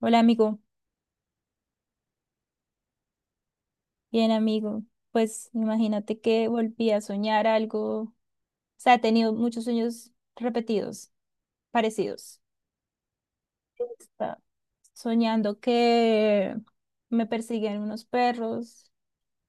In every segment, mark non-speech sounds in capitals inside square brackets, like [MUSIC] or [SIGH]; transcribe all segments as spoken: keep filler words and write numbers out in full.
Hola amigo, bien amigo. Pues imagínate que volví a soñar algo, o sea, he tenido muchos sueños repetidos, parecidos. Estaba soñando que me perseguían unos perros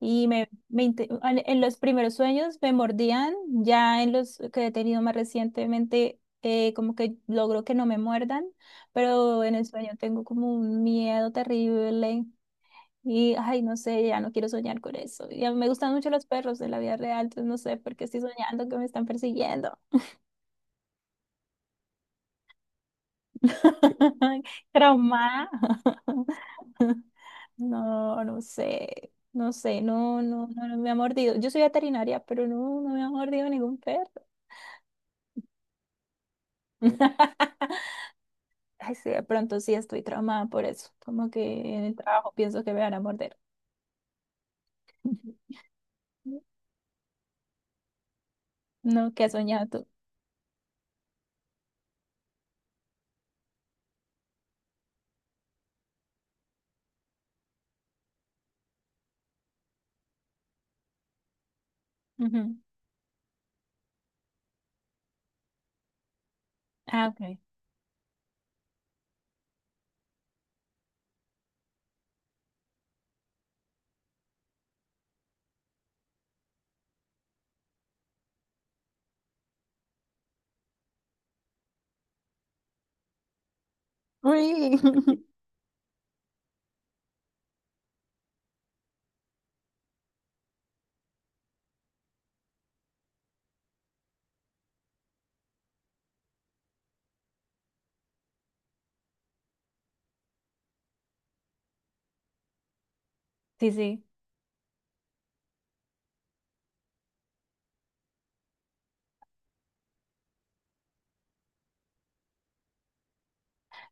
y me, me inte- al- en los primeros sueños me mordían, ya en los que he tenido más recientemente, eh, como que logro que no me muerdan, pero en el sueño tengo como un miedo terrible. Y, ay, no sé, ya no quiero soñar con eso. Y a mí me gustan mucho los perros de la vida real, entonces no sé por qué estoy soñando que me están persiguiendo. [LAUGHS] Trauma. [LAUGHS] No, no sé, no sé, no, no, no, no me ha mordido. Yo soy veterinaria, pero no, no me ha mordido ningún perro. [LAUGHS] Ay, sí, de pronto sí estoy traumada por eso. Como que en el trabajo pienso que me van a morder. [LAUGHS] No, ¿qué has soñado tú? Ujú. Ah, ok. Uy. [LAUGHS] Sí, sí.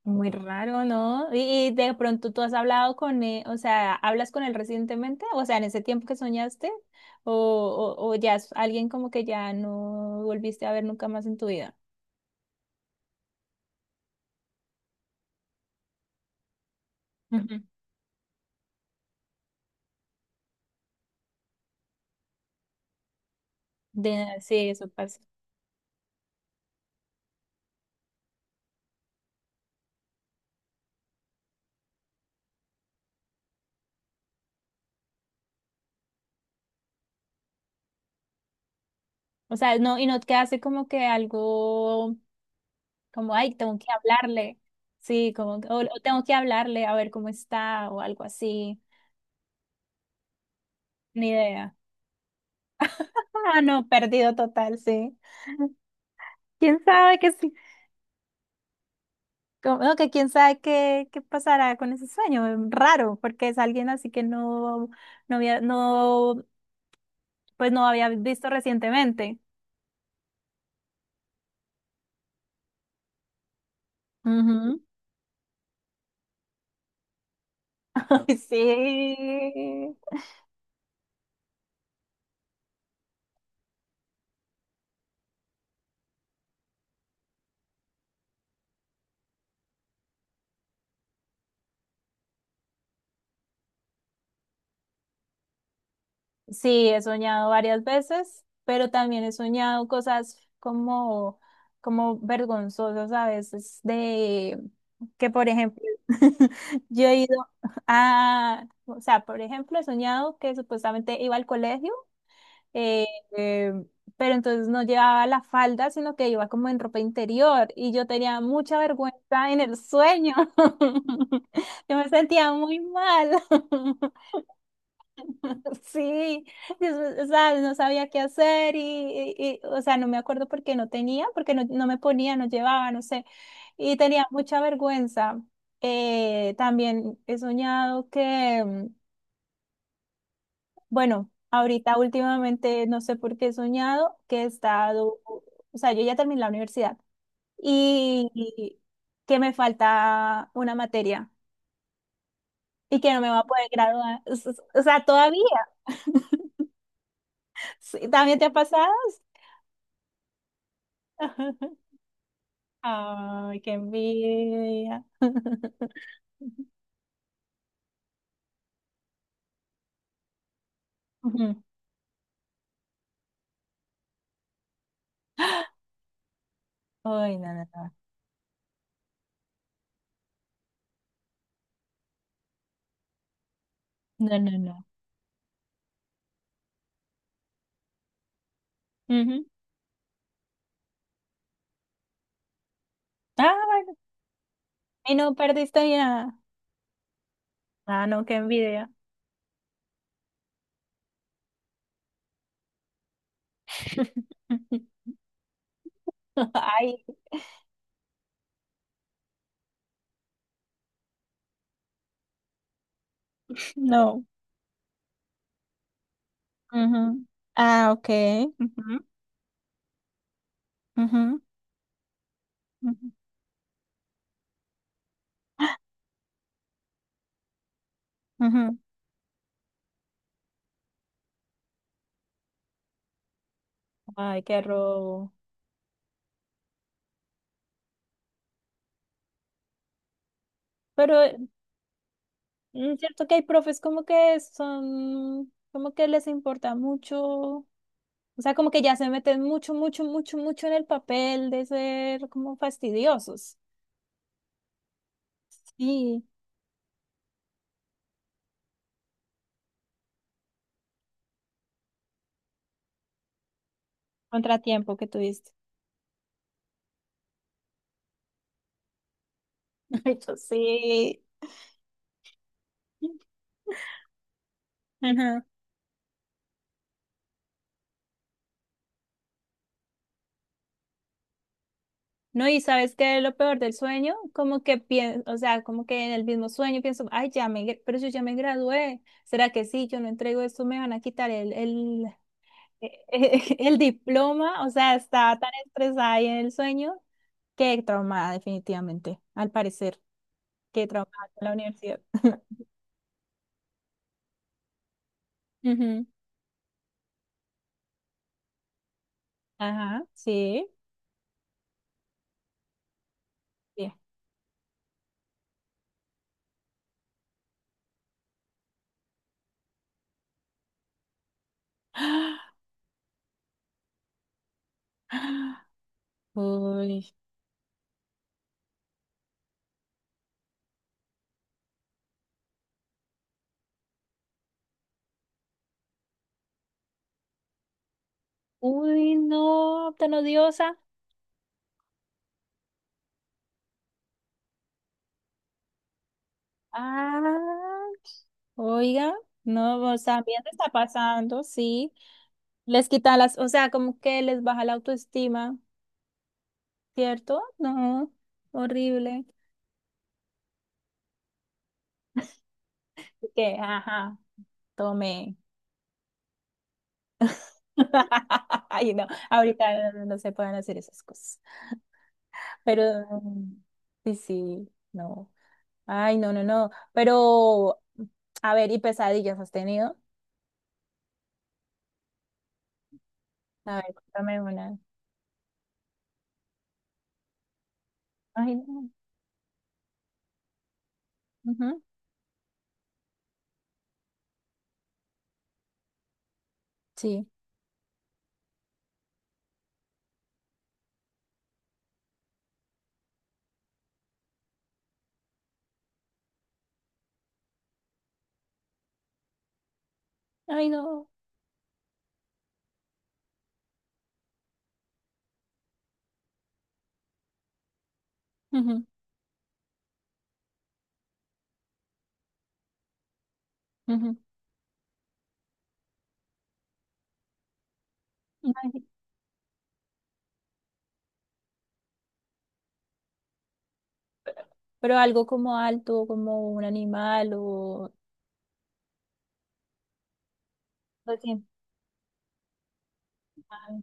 Muy raro, ¿no? Y, y de pronto tú has hablado con él, o sea, ¿hablas con él recientemente? O sea, en ese tiempo que soñaste, o, o, o ya es alguien como que ya no volviste a ver nunca más en tu vida. Ujú. De, sí, eso pasa. O sea, no, y no te hace como que algo, como, ay, tengo que hablarle. Sí, como, que- o, o tengo que hablarle a ver cómo está, o algo así. Ni idea. Ah, no, perdido total, sí. ¿Quién sabe qué sí? Como, no, que quién sabe qué, qué pasará con ese sueño. Es raro, porque es alguien así que no, no había, no, pues no había visto recientemente. Ujú. [LAUGHS] Sí. Sí, he soñado varias veces, pero también he soñado cosas como, como vergonzosas a veces de que, por ejemplo, [LAUGHS] yo he ido a, o sea, por ejemplo, he soñado que supuestamente iba al colegio. eh, eh, pero entonces no llevaba la falda, sino que iba como en ropa interior y yo tenía mucha vergüenza en el sueño. [LAUGHS] Yo me sentía muy mal. [LAUGHS] Sí, y es- o sea, no sabía qué hacer y, y- y, o sea, no me acuerdo por qué no tenía, porque no, no me ponía, no llevaba, no sé, y tenía mucha vergüenza. Eh, también he soñado que... Bueno, ahorita últimamente no sé por qué he soñado que he estado, o sea, yo ya terminé la universidad y, y que me falta una materia y que no me va a poder graduar, o s- o sea, todavía. [LAUGHS] Sí, ¿también te ha pasado? [LAUGHS] Ay, qué envidia. [LAUGHS] Ujú. Ay, no, no, no. No, no, no. Ujú. Ah, bueno. Y no perdiste ya. Ah, no, qué envidia. [LAUGHS] Ay, no. Ujú. Ah, ok. Ujú. Ujú, ujú, ujú. Ay, qué robo. Pero eh, mm, cierto que hay profes como que son, como que les importa mucho, o sea, como que ya se meten mucho, mucho, mucho, mucho en el papel de ser como fastidiosos. Sí, contratiempo que tuviste. [LAUGHS] Ay, yo sí. Ujú. No, y sabes qué es lo peor del sueño, como que pienso, o sea, como que en el mismo sueño pienso, ay, ya me, gra- pero yo ya me gradué, ¿será que sí? Yo no entrego esto, me van a quitar el, el, [LAUGHS] el diploma, o sea, estaba tan estresada ahí en el sueño, que traumada definitivamente, al parecer, que traumada con la universidad. [LAUGHS] Ujú. Ajá, sí, sí. [GASPS] Uy, uy, no, tan odiosa. Ah, oiga, no, o sea, bien está pasando, sí. Les quita las, o sea, como que les baja la autoestima, ¿cierto? No, horrible. Así que, ajá, tome. [LAUGHS] Ay, no, ahorita no, no se pueden hacer esas cosas. Pero, sí, sí, no. Ay, no, no, no. Pero, a ver, ¿y pesadillas has tenido? A ver, cuéntame una. Ay, no. Ujú, sí. Ay, no. Ujú, ujú. Imagi- pero algo como alto, como un animal o... Lo siento. Ah,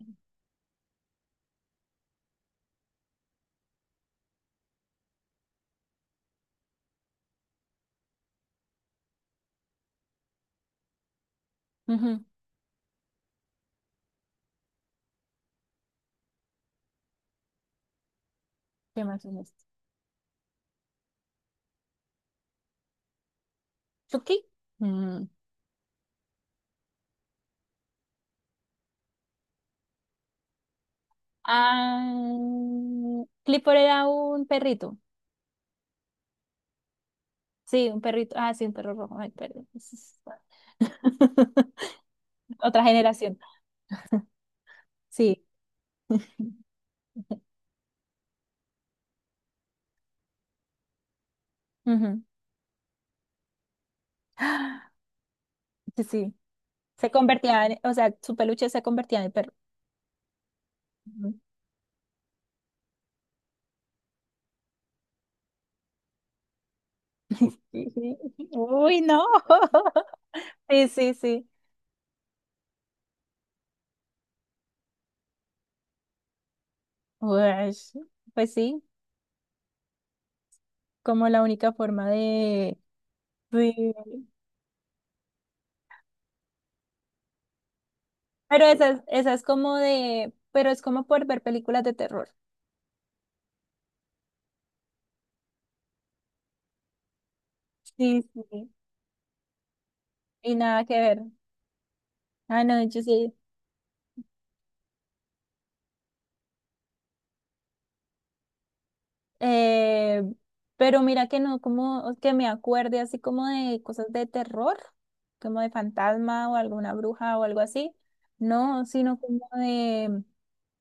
ujú. ¿Qué más es esto? ¿Chucky? Mm. Ah, Clifford era un perrito. Sí, un perrito. Ah, sí, un perro rojo. Ay, perdón. [LAUGHS] Otra generación. Sí. Ujú. Ah, sí, sí. Se convertía en, o sea, su peluche se convertía en perro. Ujú. [LAUGHS] Sí, sí. Uy, no. [LAUGHS] Sí, sí, sí. Ush, pues sí. Como la única forma de... Sí. Pero esa es, esa es como de... Pero es como por ver películas de terror. Sí, sí. Y nada que ver. Ah, no, yo sí. Eh, pero mira que no, como que me acuerde así como de cosas de terror, como de fantasma o alguna bruja o algo así. No, sino como de,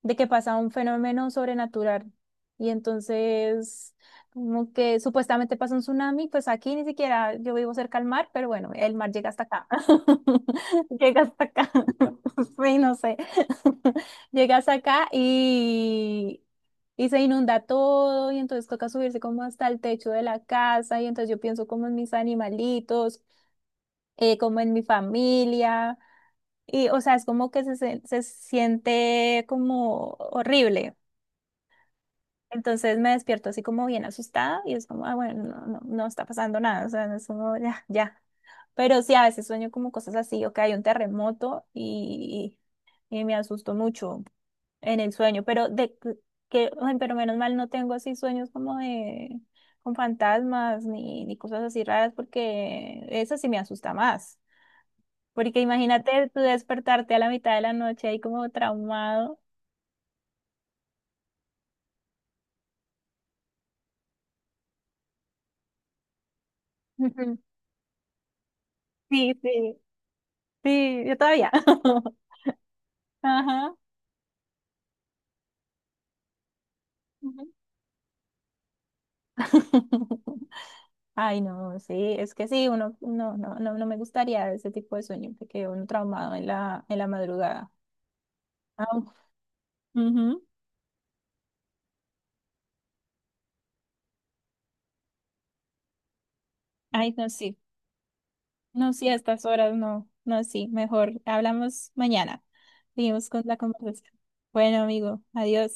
de que pasa un fenómeno sobrenatural. Y entonces, como que supuestamente pasa un tsunami, pues aquí ni siquiera yo vivo cerca al mar, pero bueno, el mar llega hasta acá. [LAUGHS] Llega hasta acá. [LAUGHS] Sí, no sé. [LAUGHS] Llega hasta acá y, y se inunda todo y entonces toca subirse como hasta el techo de la casa y entonces yo pienso como en mis animalitos, eh, como en mi familia y o sea, es como que se, se, se siente como horrible. Entonces me despierto así como bien asustada y es como, ah, bueno, no, no, no está pasando nada, o sea, no es como, ya, ya. Pero sí, a veces sueño como cosas así, o que hay un terremoto y, y me asusto mucho en el sueño, pero de que, ay, pero menos mal no tengo así sueños como de con fantasmas ni, ni cosas así raras porque eso sí me asusta más. Porque imagínate tú despertarte a la mitad de la noche ahí como traumado. Ujú. [LAUGHS] Sí, sí, sí, yo todavía. [LAUGHS] Ajá. Ujú. [LAUGHS] Ay, no, sí, es que sí, uno, no, no, no, no me gustaría ese tipo de sueño, porque uno traumado en la, en la madrugada. Ah, ujú. Ay, no, sí. No, sí, a estas horas no, no, sí, mejor hablamos mañana. Seguimos con la conversación. Bueno, amigo, adiós.